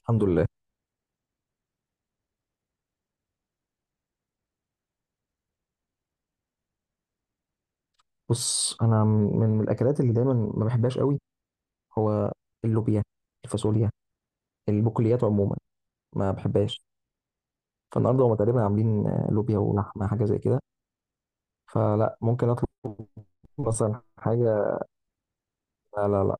الحمد لله. بص، انا من الاكلات اللي دايما ما بحبهاش قوي. هو اللوبيا، الفاصوليا، البقوليات عموما. ما بحبهاش. فالنهارده هما تقريبا عاملين لوبيا ولحمه حاجه زي كده. فلا، ممكن اطلب مثلا حاجه. لا لا لا.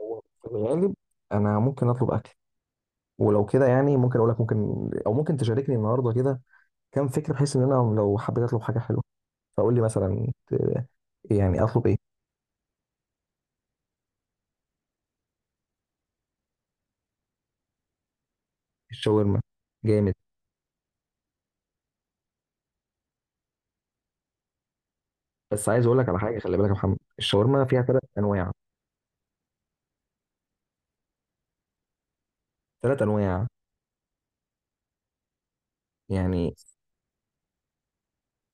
هو في الغالب انا ممكن اطلب اكل. ولو كده يعني ممكن اقول لك ممكن، او ممكن تشاركني النهارده كده كام فكره، بحيث ان انا لو حبيت اطلب حاجه حلوه فقول لي مثلا يعني اطلب ايه. الشاورما جامد. بس عايز اقول لك على حاجه، خلي بالك يا محمد، الشاورما فيها ثلاث انواع. ثلاث انواع. يعني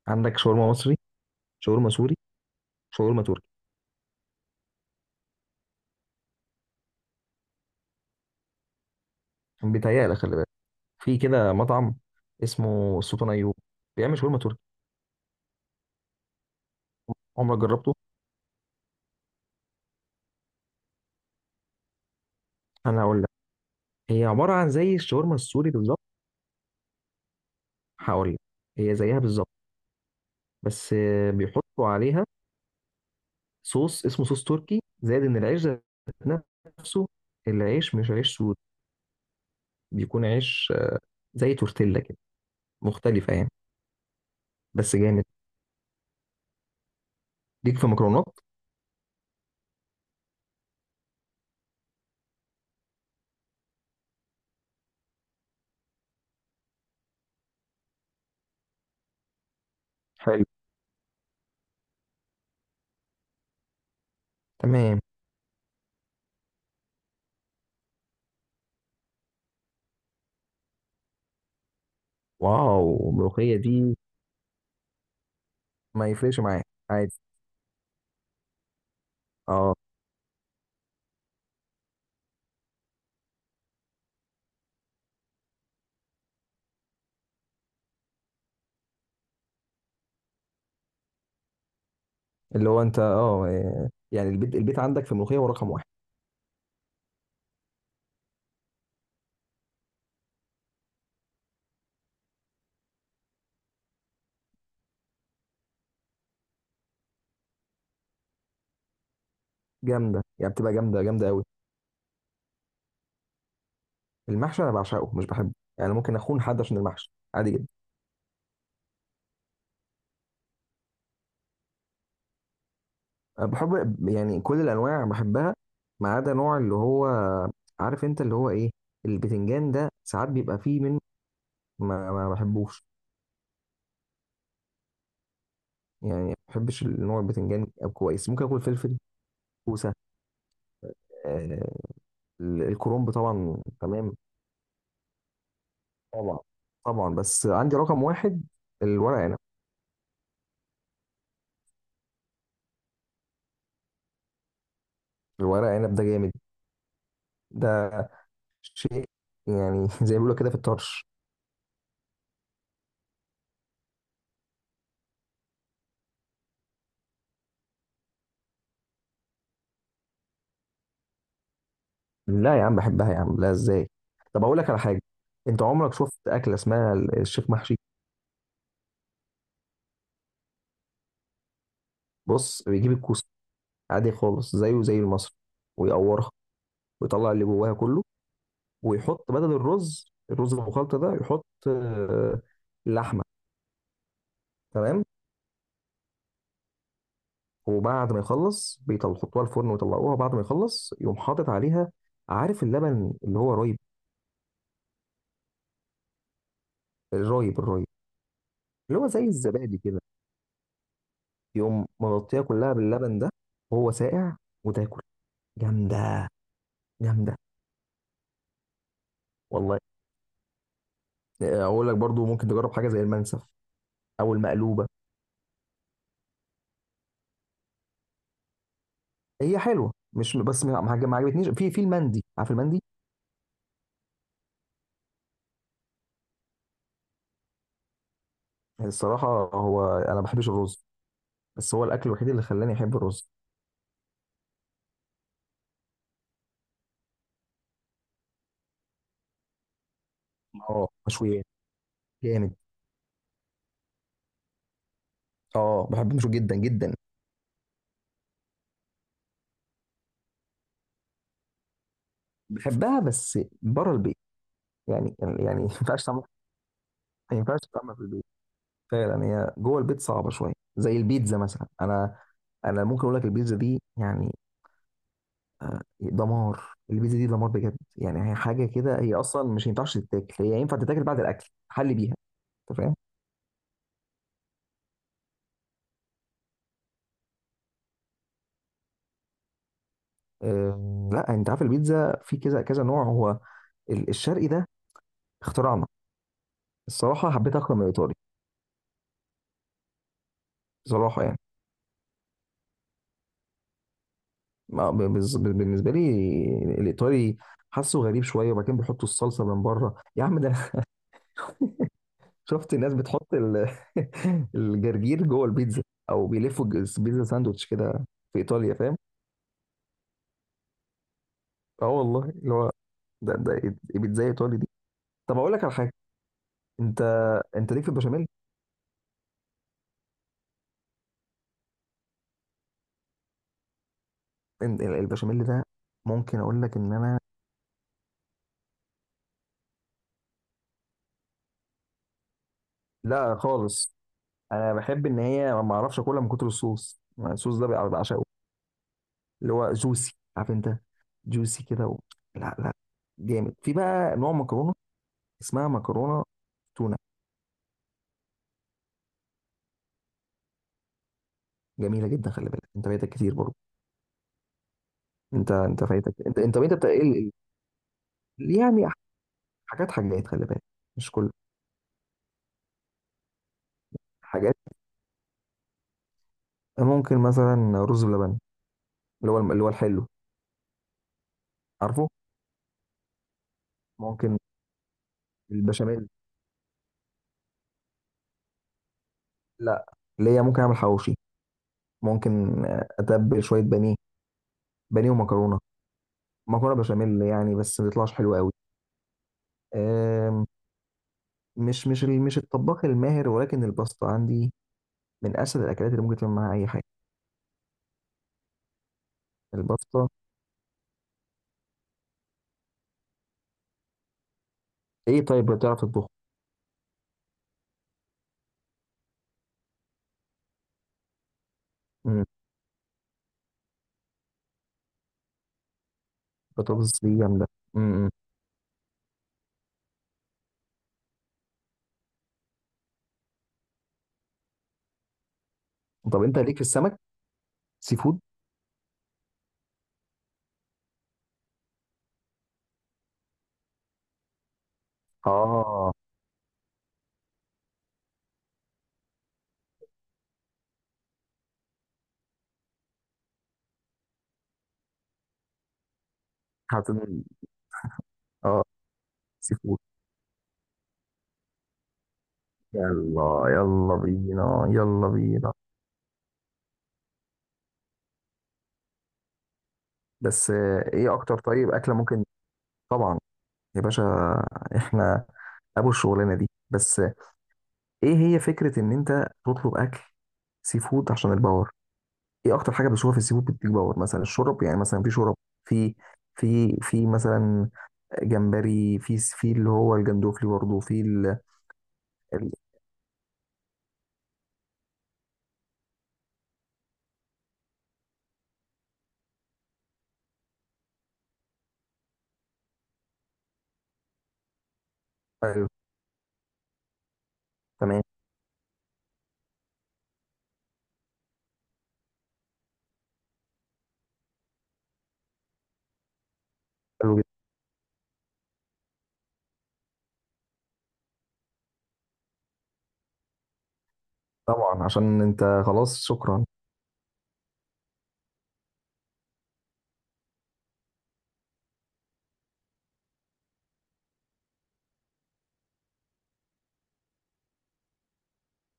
عندك شاورما مصري، شاورما سوري، شاورما تركي. بيتهيألك، خلي بالك، في كده مطعم اسمه السلطان ايوب، بيعمل شاورما تركي. عمرك جربته؟ انا هقول لك. هي عباره عن زي الشاورما السوري بالظبط. هقول لك، هي زيها بالظبط. بس بيحطوا عليها صوص اسمه صوص تركي، زائد ان العيش ذات نفسه، العيش مش عيش سوري. بيكون عيش زي تورتيلا كده، مختلفه يعني. بس جامد. ليك في مكرونات. حلو. تمام. واو، الملوخية دي. ما يفرقش معاك عادي. اه. اللي هو انت يعني البيت عندك في الملوخية هو رقم واحد. جامدة يعني، بتبقى جامدة جامدة قوي. المحشي انا بعشقه، مش بحبه. يعني ممكن اخون حد عشان المحشي، عادي جدا. أنا بحب يعني كل الانواع بحبها، ما عدا نوع اللي هو، عارف انت اللي هو ايه، البتنجان ده. ساعات بيبقى فيه منه، ما بحبوش. يعني ما بحبش النوع البتنجان. كويس. ممكن اكل فلفل، كوسة، آه، الكرنب طبعا. تمام. طبعا. طبعا، بس عندي رقم واحد، الورق عنب. الورق عنب ده جامد. ده شيء يعني زي ما بيقولوا كده في الطرش. لا يا عم، بحبها يا عم، لا ازاي. طب اقول لك على حاجه، انت عمرك شفت اكله اسمها الشيخ محشي؟ بص، بيجيب الكوسه عادي خالص زيه زي المصري، ويقورها ويطلع اللي جواها كله، ويحط بدل الرز المخلط ده، يحط لحمه. تمام. وبعد ما يخلص بيحطوها الفرن ويطلعوها، بعد ما يخلص يقوم حاطط عليها، عارف اللبن اللي هو رايب، الرايب الرايب، اللي هو زي الزبادي كده، يقوم مغطيها كلها باللبن ده وهو ساقع، وتاكل. جامده، جامده. والله، اقول لك برضو ممكن تجرب حاجه زي المنسف او المقلوبه. هي حلوه، مش بس ما عجبتنيش في المندي. عارف المندي؟ الصراحه، هو انا ما بحبش الرز، بس هو الاكل الوحيد اللي خلاني احب الرز. اه مشويات. جامد. اه، بحب المشوي جدا جدا. بحبها بس بره البيت. يعني ما ينفعش تعمل. ما ينفعش تعمل في البيت. فعلا هي جوه البيت صعبه شويه، زي البيتزا مثلا. انا ممكن اقول لك البيتزا دي يعني دمار، البيتزا دي دمار بجد، يعني هي حاجه كده، هي اصلا مش ينفعش تتاكل، هي ينفع تتاكل بعد الاكل حل بيها. انت فاهم؟ لا انت عارف البيتزا في كذا كذا نوع. هو الشرقي ده اختراعنا. الصراحه حبيت اكتر من الايطالي. بصراحه يعني. بالنسبه لي الايطالي، حاسه غريب شويه، وبعدين بيحطوا الصلصه من بره، يا عم ده انا شفت الناس بتحط الجرجير جوه البيتزا، او بيلفوا البيتزا ساندوتش كده في ايطاليا، فاهم؟ اه والله، اللي هو ده بيتزا ايطالي دي. طب اقول لك على حاجه، انت انت ليك في البشاميل؟ البشاميل ده ممكن اقول لك ان انا، لا خالص، انا بحب ان هي ما اعرفش اكلها من كتر الصوص. الصوص ده بعشقه، اللي هو جوسي، عارف انت، جوسي كده لا لا. جامد. في بقى نوع مكرونه اسمها مكرونه تونه. جميله جدا، خلي بالك، انت فايتك كتير برضه. انت فايتك، انت انت انت بتا... ال- ال- يعني حاجات حاجات، خلي بالك، مش كل حاجات. ممكن مثلا رز بلبن، اللي هو اللي هو الحلو، عارفه. ممكن البشاميل. لا، اللي هي ممكن اعمل حواوشي، ممكن اتبل شويه بانيه، بانيه ومكرونه، مكرونه بشاميل يعني. بس ما بيطلعش حلو قوي. مش الطباخ الماهر، ولكن الباستا عندي من اسهل الاكلات اللي ممكن تعمل معاها اي حاجه. الباستا. ايه؟ طيب بتعرف تطبخ؟ امم. بطاطس دي جامده. امم. إمم. طب انت ليك في السمك؟ سي فود. اه. هتقول. اه، سي فود. يلا يلا بينا، يلا بينا. بس ايه اكتر طيب اكله ممكن. طبعا يا باشا، احنا ابو الشغلانه دي. بس ايه هي فكره ان انت تطلب اكل سي فود عشان الباور؟ ايه اكتر حاجه بشوفها في السي فود بتديك باور؟ مثلا الشرب، يعني مثلا في شرب، في في مثلا جمبري، في اللي هو الجندوفلي، برضه في ال... أيوة، تمام. حلو جدا. طبعا عشان انت. خلاص شكرا.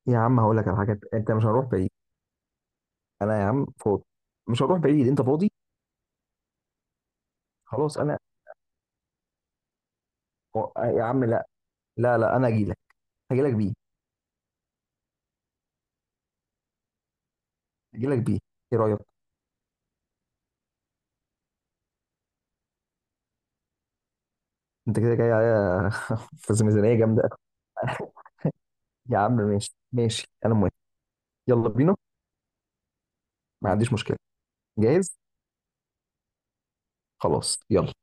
يا عم هقول لك على حاجه، انت مش هنروح بعيد. انا يا عم فاضي، مش هنروح بعيد، انت فاضي. خلاص انا، يا عم لا، لا لا انا اجي لك. هجي لك بيه. هجي لك بيه. ايه رايك؟ انت كده جاي عليا في ميزانيه جامده يا عم ماشي، ماشي، انا موافق. يلا بينا. ما عنديش مشكله. جاهز. خلاص يلا.